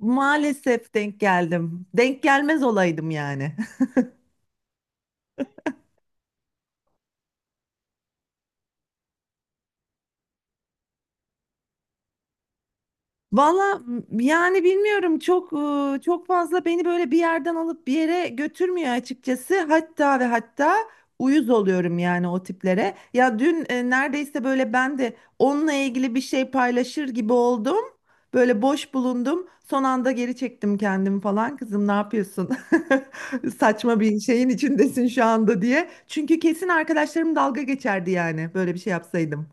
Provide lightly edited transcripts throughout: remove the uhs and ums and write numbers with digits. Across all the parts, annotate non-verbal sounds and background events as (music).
Maalesef denk geldim. Denk gelmez olaydım yani. (laughs) Valla yani bilmiyorum çok çok fazla beni böyle bir yerden alıp bir yere götürmüyor açıkçası. Hatta ve hatta uyuz oluyorum yani o tiplere. Ya dün neredeyse böyle ben de onunla ilgili bir şey paylaşır gibi oldum. Böyle boş bulundum. Son anda geri çektim kendimi falan. Kızım ne yapıyorsun? (laughs) Saçma bir şeyin içindesin şu anda diye. Çünkü kesin arkadaşlarım dalga geçerdi yani böyle bir şey yapsaydım.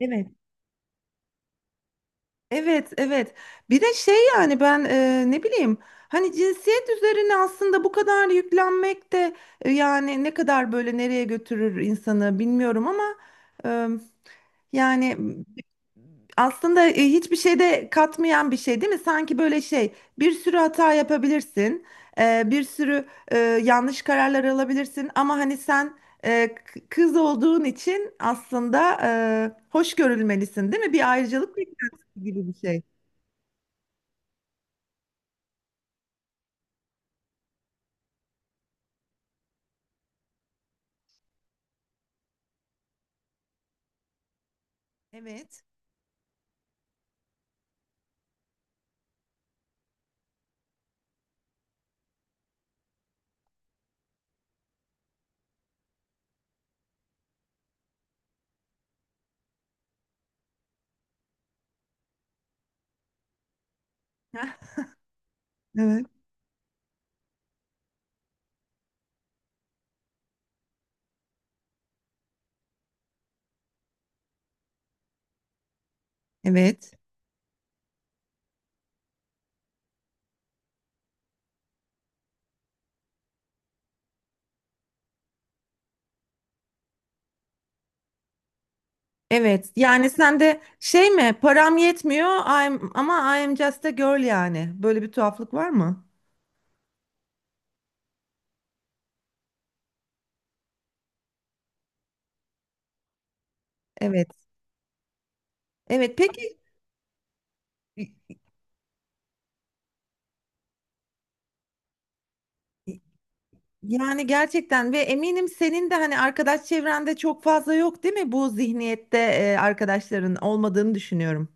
Evet. Evet, evet. Bir de şey yani ben ne bileyim hani cinsiyet üzerine aslında bu kadar yüklenmek de yani ne kadar böyle nereye götürür insanı bilmiyorum ama e, yani aslında hiçbir şeyde katmayan bir şey değil mi? Sanki böyle şey bir sürü hata yapabilirsin, bir sürü yanlış kararlar alabilirsin ama hani sen kız olduğun için aslında hoş görülmelisin değil mi? Bir ayrıcalık beklentisi gibi bir şey. Evet. (laughs) Heh, evet. Evet. Evet. Yani sen de şey mi? Param yetmiyor. Ama I am just a girl yani. Böyle bir tuhaflık var mı? Evet. Evet. Peki yani gerçekten ve eminim senin de hani arkadaş çevrende çok fazla yok değil mi? Bu zihniyette arkadaşların olmadığını düşünüyorum.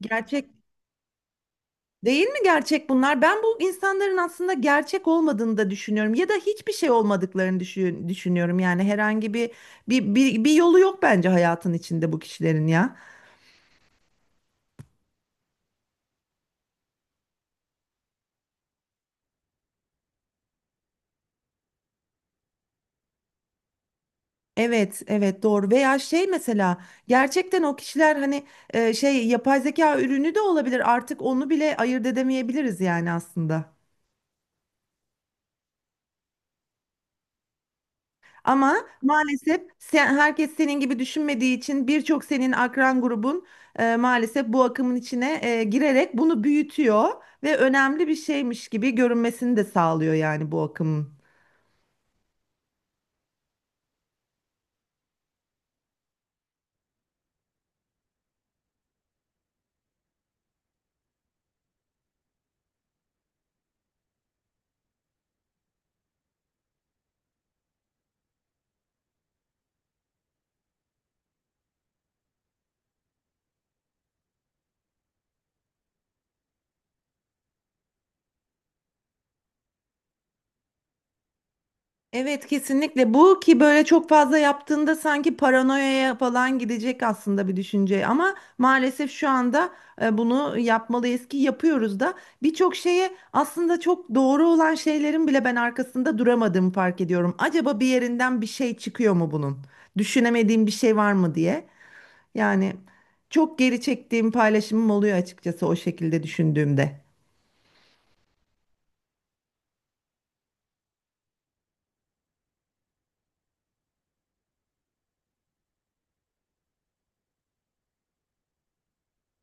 Gerçek Değil mi gerçek bunlar? Ben bu insanların aslında gerçek olmadığını da düşünüyorum ya da hiçbir şey olmadıklarını düşünüyorum. Yani herhangi bir yolu yok bence hayatın içinde bu kişilerin ya. Evet, evet doğru. Veya şey mesela gerçekten o kişiler hani şey yapay zeka ürünü de olabilir. Artık onu bile ayırt edemeyebiliriz yani aslında. Ama maalesef sen, herkes senin gibi düşünmediği için birçok senin akran grubun maalesef bu akımın içine girerek bunu büyütüyor ve önemli bir şeymiş gibi görünmesini de sağlıyor yani bu akımın. Evet kesinlikle bu ki böyle çok fazla yaptığında sanki paranoyaya falan gidecek aslında bir düşünce ama maalesef şu anda bunu yapmalıyız ki yapıyoruz da birçok şeye aslında çok doğru olan şeylerin bile ben arkasında duramadığımı fark ediyorum. Acaba bir yerinden bir şey çıkıyor mu bunun? Düşünemediğim bir şey var mı diye. Yani çok geri çektiğim paylaşımım oluyor açıkçası o şekilde düşündüğümde.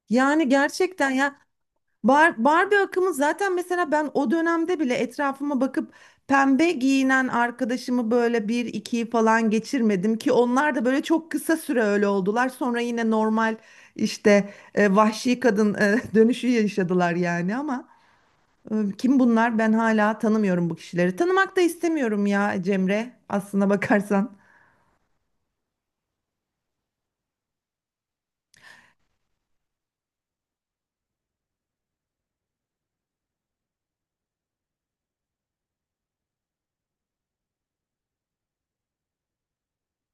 Yani gerçekten ya. Barbie akımı zaten mesela ben o dönemde bile etrafıma bakıp pembe giyinen arkadaşımı böyle bir ikiyi falan geçirmedim ki onlar da böyle çok kısa süre öyle oldular. Sonra yine normal işte vahşi kadın (laughs) dönüşü yaşadılar yani ama kim bunlar? Ben hala tanımıyorum bu kişileri. Tanımak da istemiyorum ya Cemre aslına bakarsan.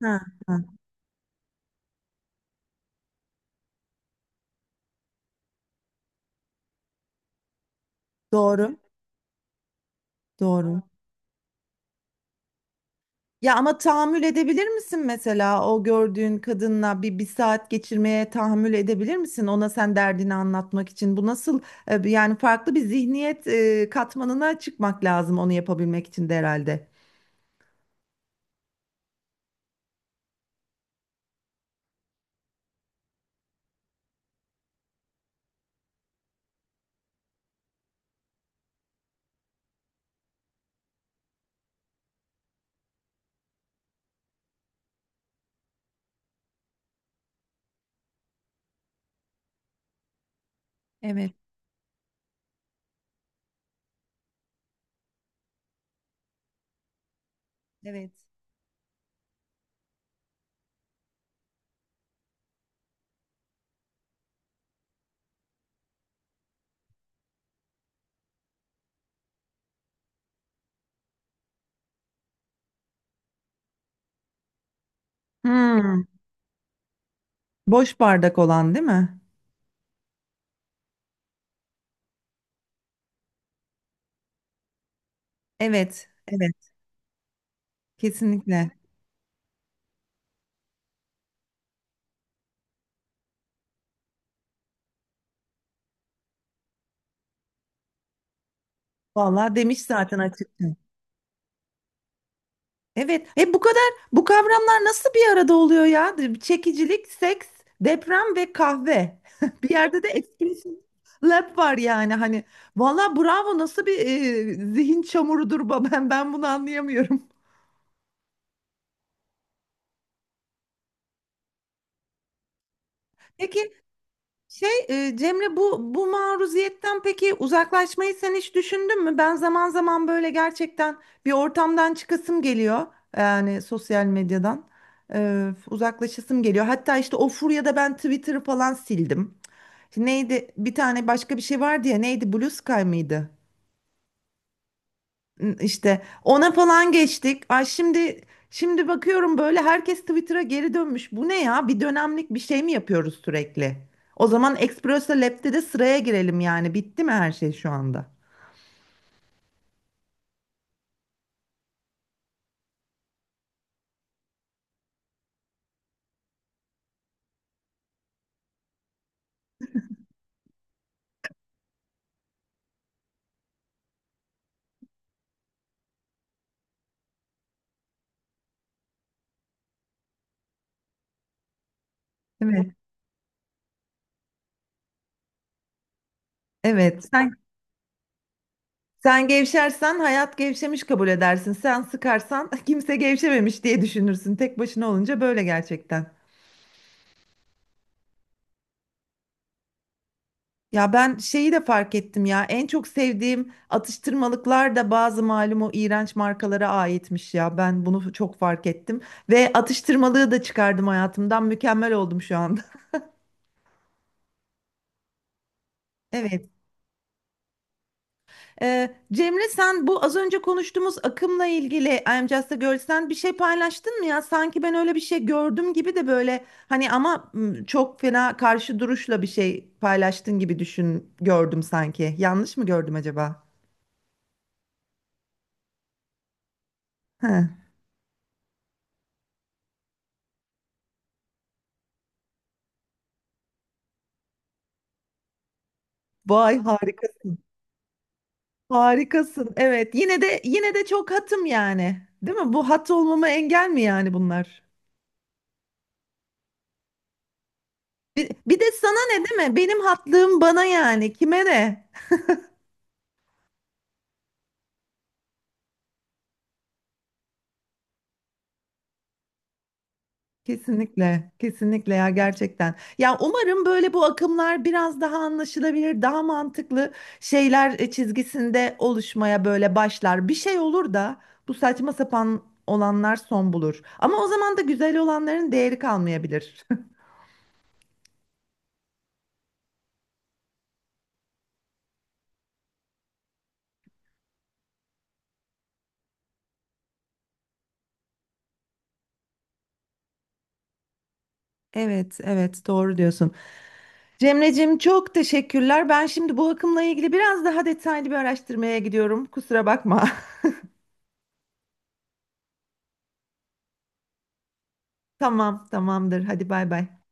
Ha, ha. Doğru, doğru. Ya ama tahammül edebilir misin mesela o gördüğün kadınla bir saat geçirmeye tahammül edebilir misin? Ona sen derdini anlatmak için bu nasıl yani farklı bir zihniyet katmanına çıkmak lazım onu yapabilmek için de herhalde. Evet. Evet. Hmm, boş bardak olan değil mi? Evet, evet, kesinlikle. Vallahi demiş zaten açıkça. Evet. E bu kadar bu kavramlar nasıl bir arada oluyor ya? Çekicilik, seks, deprem ve kahve. (laughs) Bir yerde de etkileşim lab var yani hani. Vallahi bravo nasıl bir zihin çamurudur bu- (laughs) ben bunu anlayamıyorum. Peki şey Cemre bu maruziyetten peki uzaklaşmayı sen hiç düşündün mü? Ben zaman zaman böyle gerçekten bir ortamdan çıkasım geliyor. Yani sosyal medyadan, uzaklaşasım geliyor. Hatta işte o furyada ben Twitter'ı falan sildim. Şimdi neydi bir tane başka bir şey vardı ya, neydi, Blue Sky mıydı? İşte ona falan geçtik. Ay şimdi bakıyorum böyle herkes Twitter'a geri dönmüş. Bu ne ya? Bir dönemlik bir şey mi yapıyoruz sürekli? O zaman Expresso Lab'de de sıraya girelim yani. Bitti mi her şey şu anda? Evet. Evet. Sen gevşersen hayat gevşemiş kabul edersin. Sen sıkarsan (laughs) kimse gevşememiş diye düşünürsün. Tek başına olunca böyle gerçekten. Ya ben şeyi de fark ettim ya. En çok sevdiğim atıştırmalıklar da bazı malum o iğrenç markalara aitmiş ya. Ben bunu çok fark ettim. Ve atıştırmalığı da çıkardım hayatımdan. Mükemmel oldum şu anda. (laughs) Evet. Cemre sen bu az önce konuştuğumuz akımla ilgili I'm Just a Girl, sen bir şey paylaştın mı ya? Sanki ben öyle bir şey gördüm gibi de böyle hani ama çok fena karşı duruşla bir şey paylaştın gibi düşün gördüm sanki. Yanlış mı gördüm acaba? He. Vay harikasın. Harikasın. Evet. Yine de yine de çok hatım yani. Değil mi? Bu hat olmama engel mi yani bunlar? Bir de sana ne değil mi? Benim hatlığım bana yani. Kime ne? Kesinlikle, kesinlikle ya gerçekten. Ya umarım böyle bu akımlar biraz daha anlaşılabilir, daha mantıklı şeyler çizgisinde oluşmaya böyle başlar. Bir şey olur da bu saçma sapan olanlar son bulur. Ama o zaman da güzel olanların değeri kalmayabilir. (laughs) Evet, evet doğru diyorsun. Cemreciğim çok teşekkürler. Ben şimdi bu akımla ilgili biraz daha detaylı bir araştırmaya gidiyorum. Kusura bakma. (laughs) Tamam, tamamdır. Hadi bay bay.